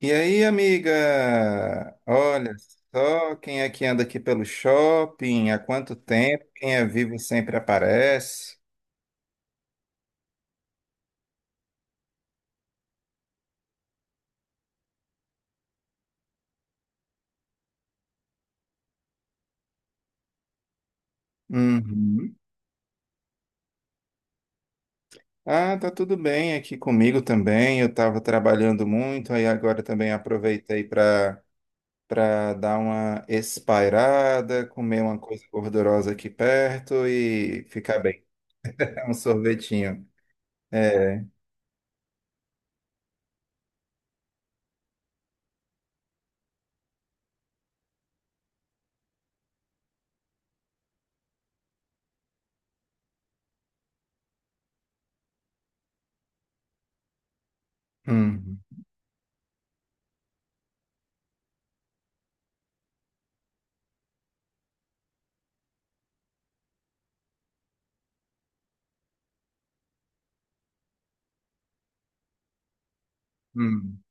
E aí, amiga? Olha só quem é que anda aqui pelo shopping, há quanto tempo? Quem é vivo sempre aparece. Uhum. Ah, tá tudo bem aqui comigo também. Eu estava trabalhando muito, aí agora também aproveitei para dar uma espairada, comer uma coisa gordurosa aqui perto e ficar bem. É, um sorvetinho. É. Uhum. Uhum.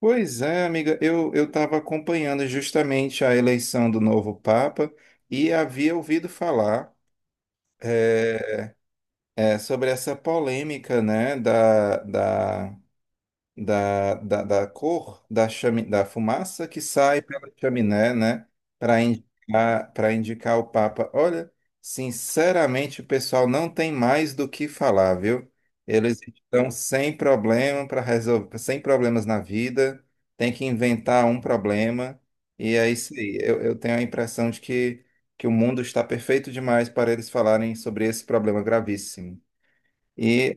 Pois é, amiga, eu estava acompanhando justamente a eleição do novo Papa e havia ouvido falar eh, sobre essa polêmica, né, da cor da, da fumaça que sai pela chaminé, né? Para indicar o Papa. Olha, sinceramente, o pessoal não tem mais do que falar, viu? Eles estão sem problema para resolver, sem problemas na vida, tem que inventar um problema, e é isso aí. Eu tenho a impressão de que o mundo está perfeito demais para eles falarem sobre esse problema gravíssimo. E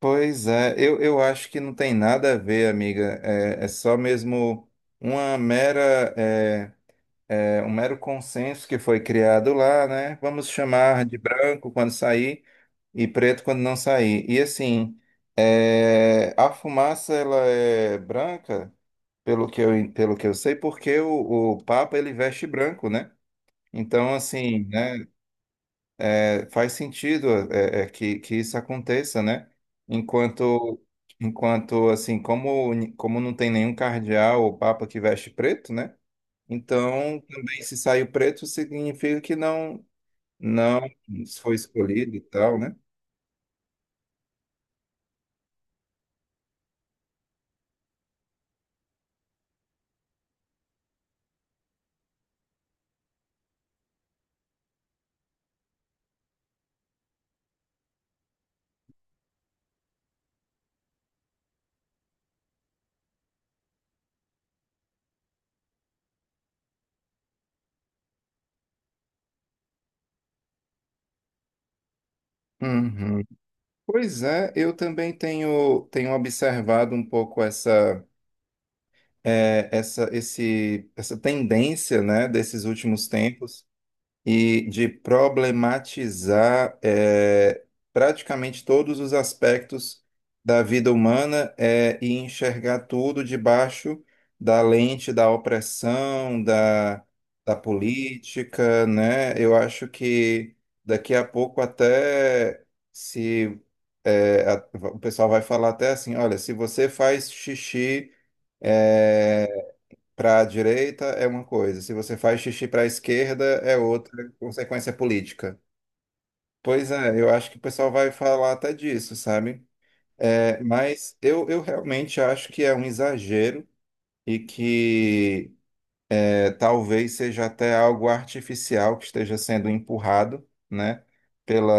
pois é, eu acho que não tem nada a ver, amiga. É, é só mesmo uma mera, é, é, um mero consenso que foi criado lá, né? Vamos chamar de branco quando sair e preto quando não sair. E assim, é, a fumaça ela é branca, pelo que eu sei, porque o Papa ele veste branco, né? Então, assim, né? É, faz sentido é, é, é que isso aconteça, né? Enquanto, enquanto assim, como, como não tem nenhum cardeal ou papa que veste preto, né? Então, também se saiu preto, significa que não, não foi escolhido e tal, né? Uhum. Pois é, eu também tenho, tenho observado um pouco essa, é, essa, esse, essa tendência, né, desses últimos tempos e de problematizar praticamente todos os aspectos da vida humana e enxergar tudo debaixo da lente da opressão, da, da política, né? Eu acho que daqui a pouco até se o pessoal vai falar até assim, olha, se você faz xixi eh, para a direita é uma coisa, se você faz xixi para a esquerda é outra consequência política. Pois é, eu acho que o pessoal vai falar até disso, sabe? É, mas eu realmente acho que é um exagero e que é, talvez seja até algo artificial que esteja sendo empurrado, né, pela,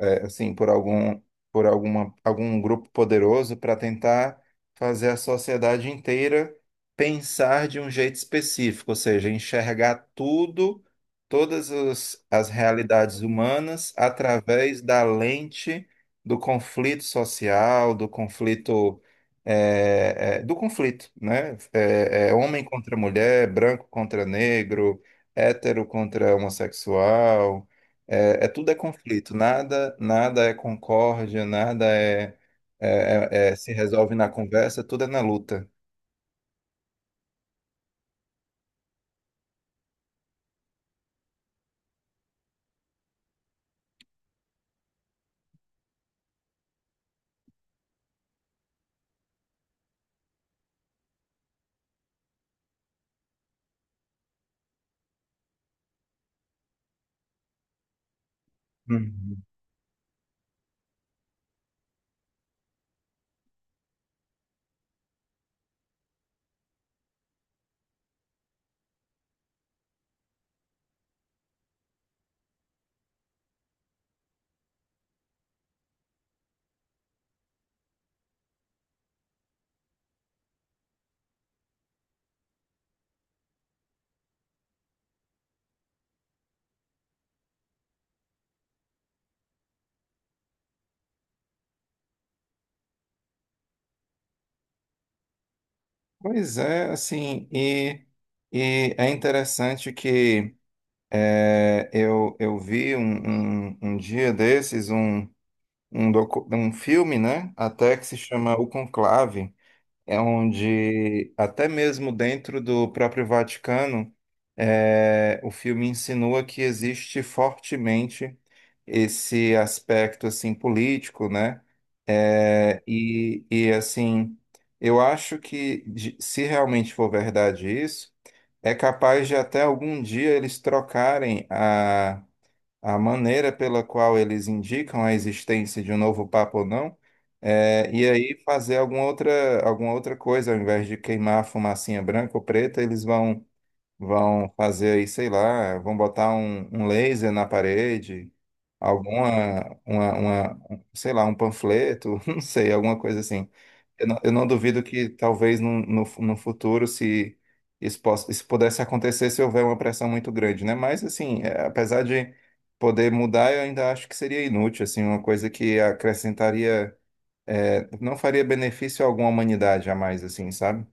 assim, por algum, por alguma, algum grupo poderoso para tentar fazer a sociedade inteira pensar de um jeito específico, ou seja, enxergar tudo, todas as, as realidades humanas através da lente do conflito social, do conflito é, é, do conflito, né? É, é homem contra mulher, branco contra negro, hétero contra homossexual, é, é tudo é conflito, nada, nada é concórdia, nada é, se resolve na conversa, tudo é na luta. Uhum. Pois é, assim, e é interessante que é, eu vi um, um, um dia desses um, um, um filme, né, até que se chama O Conclave, é onde até mesmo dentro do próprio Vaticano, é, o filme insinua que existe fortemente esse aspecto assim político, né? É, e assim, eu acho que se realmente for verdade isso, é capaz de até algum dia eles trocarem a maneira pela qual eles indicam a existência de um novo Papa ou não, é, e aí fazer alguma outra coisa, ao invés de queimar a fumacinha branca ou preta, eles vão vão fazer aí, sei lá, vão botar um, um laser na parede, alguma, uma, sei lá, um panfleto, não sei, alguma coisa assim. Eu não duvido que talvez no, no, no futuro, se isso, possa, isso pudesse acontecer, se houver uma pressão muito grande, né? Mas, assim, é, apesar de poder mudar, eu ainda acho que seria inútil, assim, uma coisa que acrescentaria, é, não faria benefício algum à humanidade jamais, assim, sabe?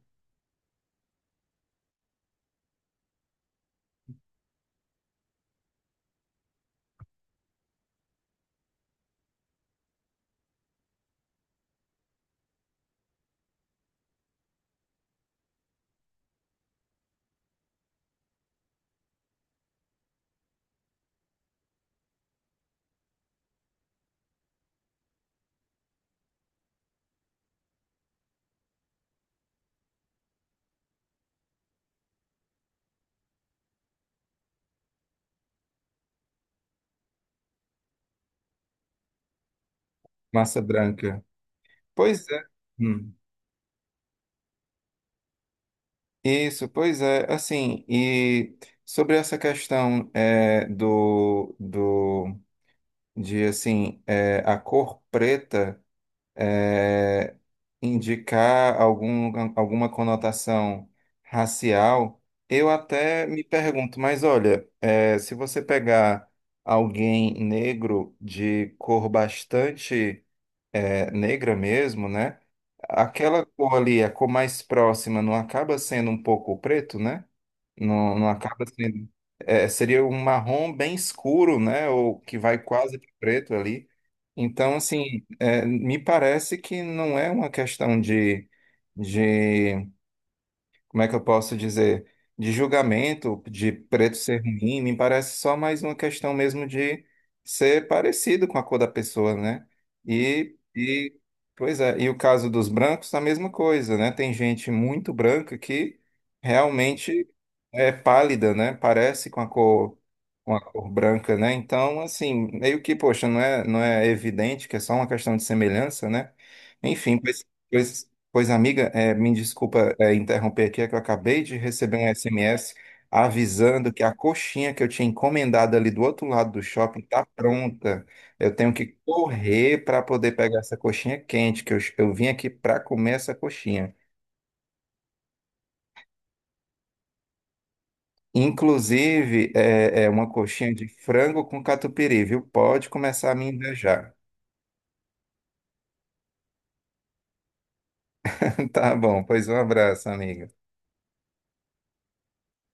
Massa branca. Pois é. Hum. Isso, pois é, assim, e sobre essa questão é, do, do, de, assim, é, a cor preta é, indicar algum, alguma conotação racial, eu até me pergunto, mas olha, é, se você pegar alguém negro de cor bastante é, negra mesmo, né? Aquela cor ali, a cor mais próxima, não acaba sendo um pouco preto, né? Não, não acaba sendo. É, seria um marrom bem escuro, né? Ou que vai quase de preto ali. Então, assim, é, me parece que não é uma questão de como é que eu posso dizer, de julgamento, de preto ser ruim, me parece só mais uma questão mesmo de ser parecido com a cor da pessoa, né? E pois é, e o caso dos brancos, a mesma coisa, né? Tem gente muito branca que realmente é pálida, né? Parece com a cor branca, né? Então, assim, meio que, poxa, não é, não é evidente que é só uma questão de semelhança, né? Enfim, pois, pois amiga, me desculpa, interromper aqui, é que eu acabei de receber um SMS avisando que a coxinha que eu tinha encomendado ali do outro lado do shopping está pronta. Eu tenho que correr para poder pegar essa coxinha quente, que eu vim aqui para comer essa coxinha. Inclusive, é, é uma coxinha de frango com catupiry, viu? Pode começar a me invejar. Tá bom, pois um abraço, amiga.